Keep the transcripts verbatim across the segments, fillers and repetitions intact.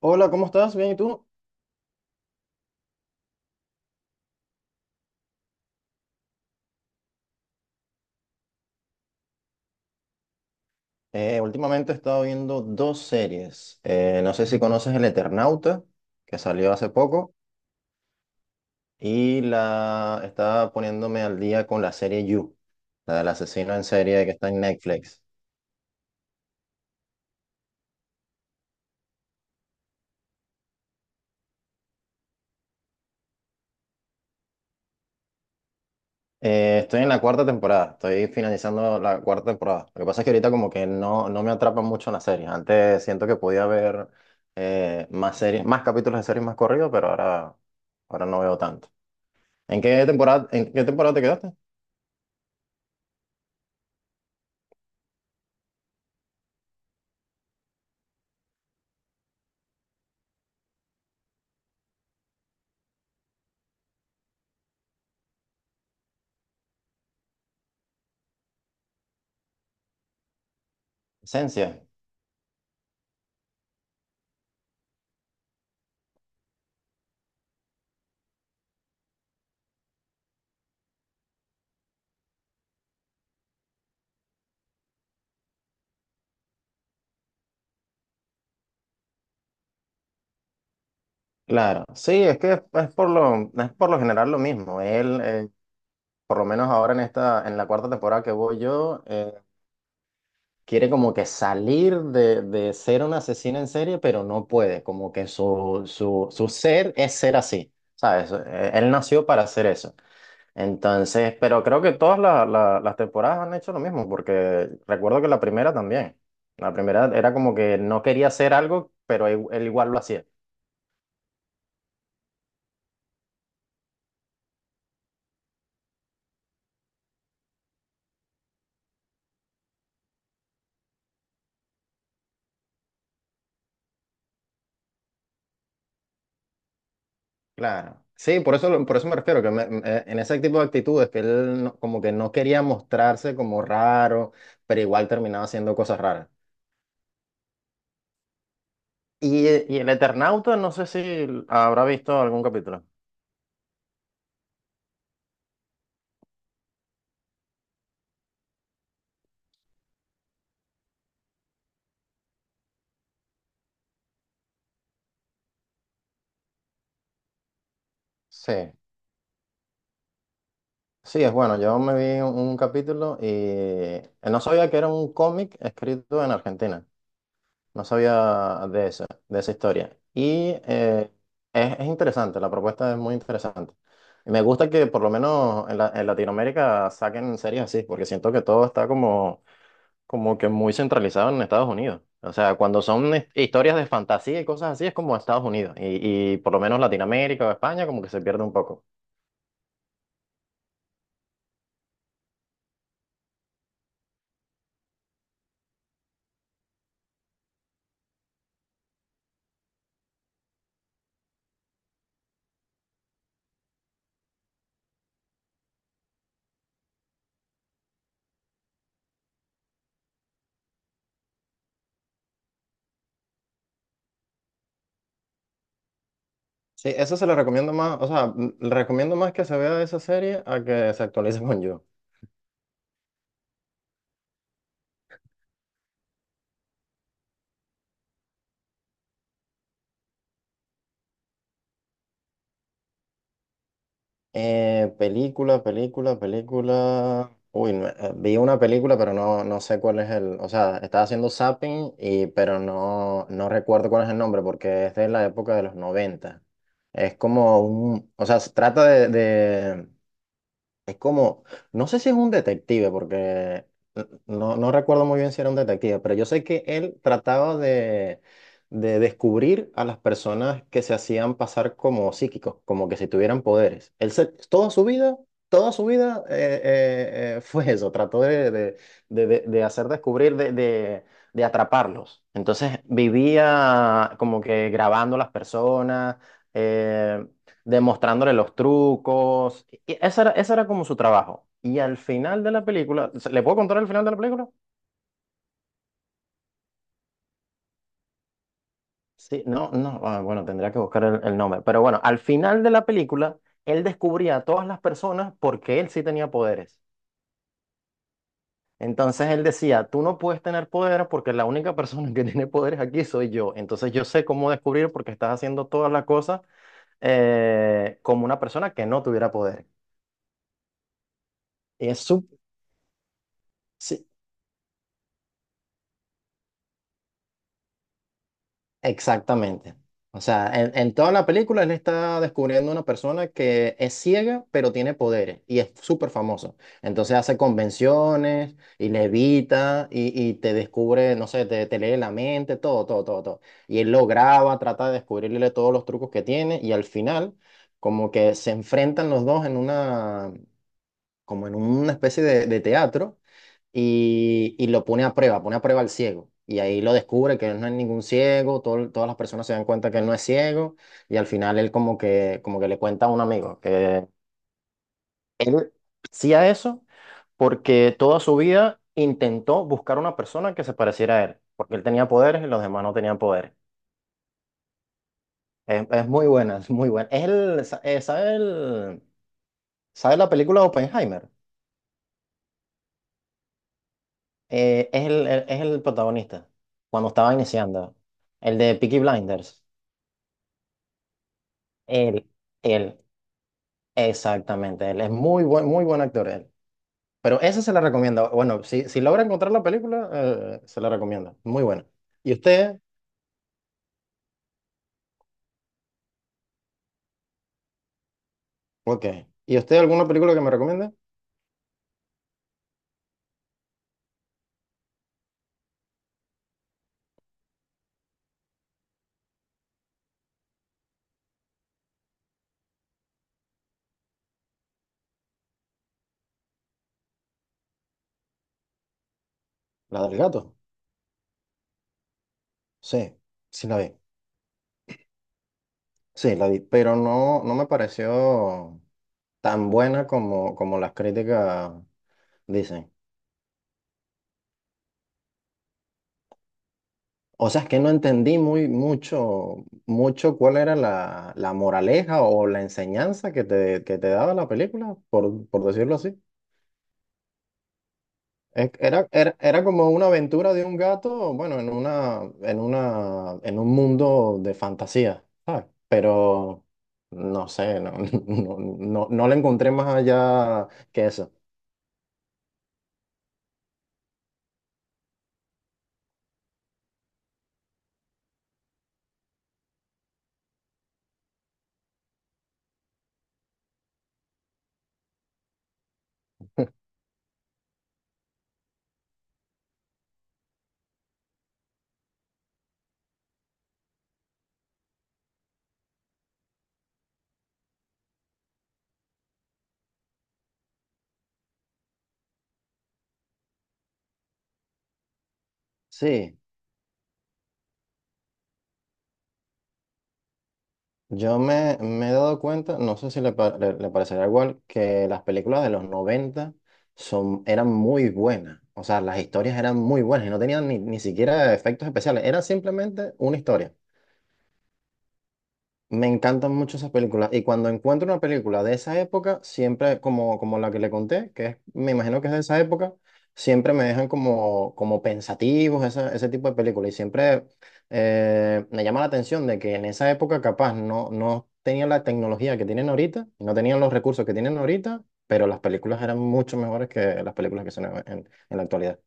Hola, ¿cómo estás? Bien, ¿y tú? Eh, últimamente he estado viendo dos series. Eh, no sé si conoces El Eternauta, que salió hace poco, y la estaba poniéndome al día con la serie You, la del asesino en serie que está en Netflix. Eh, estoy en la cuarta temporada, estoy finalizando la cuarta temporada. Lo que pasa es que ahorita como que no, no me atrapa mucho en la serie. Antes siento que podía ver eh, más series, más capítulos de series más corridos, pero ahora, ahora no veo tanto. ¿En qué temporada, en qué temporada te quedaste? Esencia, claro. Sí, es que es, es por lo, es por lo general lo mismo. Él, eh, por lo menos ahora en esta, en la cuarta temporada que voy yo, eh, quiere como que salir de, de ser un asesino en serie, pero no puede. Como que su, su, su ser es ser así, ¿sabes? Eh, Él nació para hacer eso. Entonces, pero creo que todas la- la- las temporadas han hecho lo mismo, porque recuerdo que la primera también. La primera era como que no quería hacer algo, pero él él igual lo hacía. Claro. Sí, por eso, por eso me refiero, que me- me- eh, en ese tipo de actitudes que él no- como que no quería mostrarse como raro, pero igual terminaba haciendo cosas raras. Y, eh, y el Eternauta, no sé si habrá visto algún capítulo. Sí, sí, es bueno. Yo me vi un, un capítulo y eh, no sabía que era un cómic escrito en Argentina. No sabía de esa, de esa historia. Y eh, es, es interesante, la propuesta es muy interesante. Y me gusta que por lo menos en, la- en Latinoamérica saquen series así, porque siento que todo está como, como que muy centralizado en Estados Unidos. O sea, cuando son his- historias de fantasía y cosas así, es como Estados Unidos. Y, y por lo menos Latinoamérica o España como que se pierde un poco. Sí, eso se le recomiendo más, o sea, m- le recomiendo más que se vea esa serie a que se actualice con You. Eh, película, película, película. Uy, no, eh, vi una película, pero no, no sé cuál es el. O sea, estaba haciendo zapping, y, pero no, no recuerdo cuál es el nombre porque es de la época de los noventa. Es como un. O sea, se trata de, de es como, no sé si es un detective, porque no, no recuerdo muy bien si era un detective, pero yo sé que él trataba de, de descubrir a las personas que se hacían pasar como psíquicos, como que si tuvieran poderes. Él se- toda su vida, toda su vida eh, eh, eh, fue eso, trató de, de, de- de- de hacer descubrir, de, de, de atraparlos. Entonces vivía como que grabando a las personas. eh, Demostrándole los trucos. Y y ese era, ese era como su trabajo. Y al final de la película, ¿le puedo contar el final de la película? Sí, no, no, ah, bueno, tendría que buscar el, el nombre. Pero bueno, al final de la película, él descubría a todas las personas porque él sí tenía poderes. Entonces él decía, tú no puedes tener poderes porque la única persona que tiene poderes aquí soy yo. Entonces yo sé cómo descubrir porque estás haciendo todas las cosas eh, como una persona que no tuviera poder. Y es súper. Exactamente. O sea, en, en toda la película él está descubriendo una persona que es ciega, pero tiene poderes y es súper famoso. Entonces hace convenciones y levita y, y te descubre, no sé, te, te lee la mente, todo, todo, todo, todo. Y él lo graba, trata de descubrirle todos los trucos que tiene y al final como que se enfrentan los dos en una, como en una especie de de teatro y, y lo pone a prueba, pone a prueba al ciego. Y ahí lo descubre que él no es ningún ciego, todo- todas las personas se dan cuenta que él no es ciego y al final él como que, como que le cuenta a un amigo que él hacía eso porque toda su vida intentó buscar una persona que se pareciera a él, porque él tenía poderes y los demás no tenían poderes. Es, es muy buena, es muy buena. Es el, sa- eh, ¿sabe el- sabe la película Oppenheimer? Eh, es el, el- es el protagonista, cuando estaba iniciando, el de Peaky Blinders. Él, él, exactamente, él es muy buen, muy buen actor, él. Pero esa se la recomiendo. Bueno, si, si logra encontrar la película, eh, se la recomiendo. Muy buena. ¿Y usted? Ok. ¿Y usted alguna película que me recomiende? La del gato. Sí, sí la vi. Sí, la vi. Pero no, no me pareció tan buena como, como las críticas dicen. O sea, es que no entendí muy mucho, mucho cuál era la, la moraleja o la enseñanza que te, que te daba la película, por, por decirlo así. E- Era, era, era como una aventura de un gato, bueno, en una, en una, en un mundo de fantasía, ¿sabes? Pero no sé, no, no, no, no le encontré más allá que eso. Sí, yo me, me he dado cuenta, no sé si le, pa- le, le parecerá igual, que las películas de los noventa son, eran muy buenas. O sea, las historias eran muy buenas y no tenían ni, ni siquiera efectos especiales, era simplemente una historia. Me encantan mucho esas películas y cuando encuentro una película de esa época, siempre como, como la que le conté, que es, me imagino que es de esa época, siempre me dejan como, como pensativos esa- ese tipo de películas y siempre eh, me llama la atención de que en esa época capaz no, no tenían la tecnología que tienen ahorita, no tenían los recursos que tienen ahorita, pero las películas eran mucho mejores que las películas que son en, en- en la actualidad.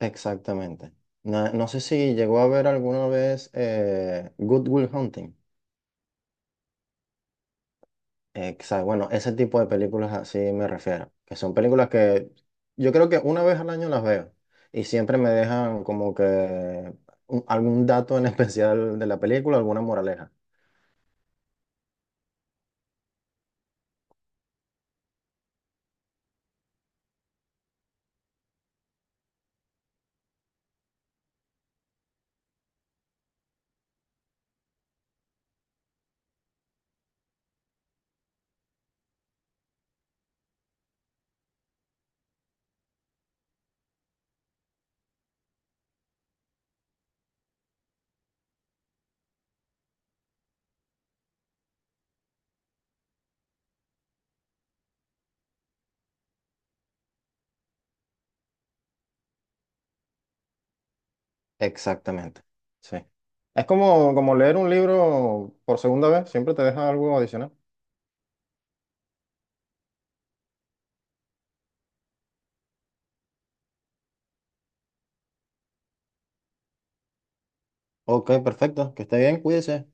Exactamente. No, no sé si llegó a ver alguna vez eh, Good Will Hunting. Exacto. Bueno, ese tipo de películas así me refiero, que son películas que yo creo que una vez al año las veo y siempre me dejan como que un- algún dato en especial de la película, alguna moraleja. Exactamente. Sí. Es como, como leer un libro por segunda vez, siempre te deja algo adicional. Ok, perfecto. Que esté bien, cuídese.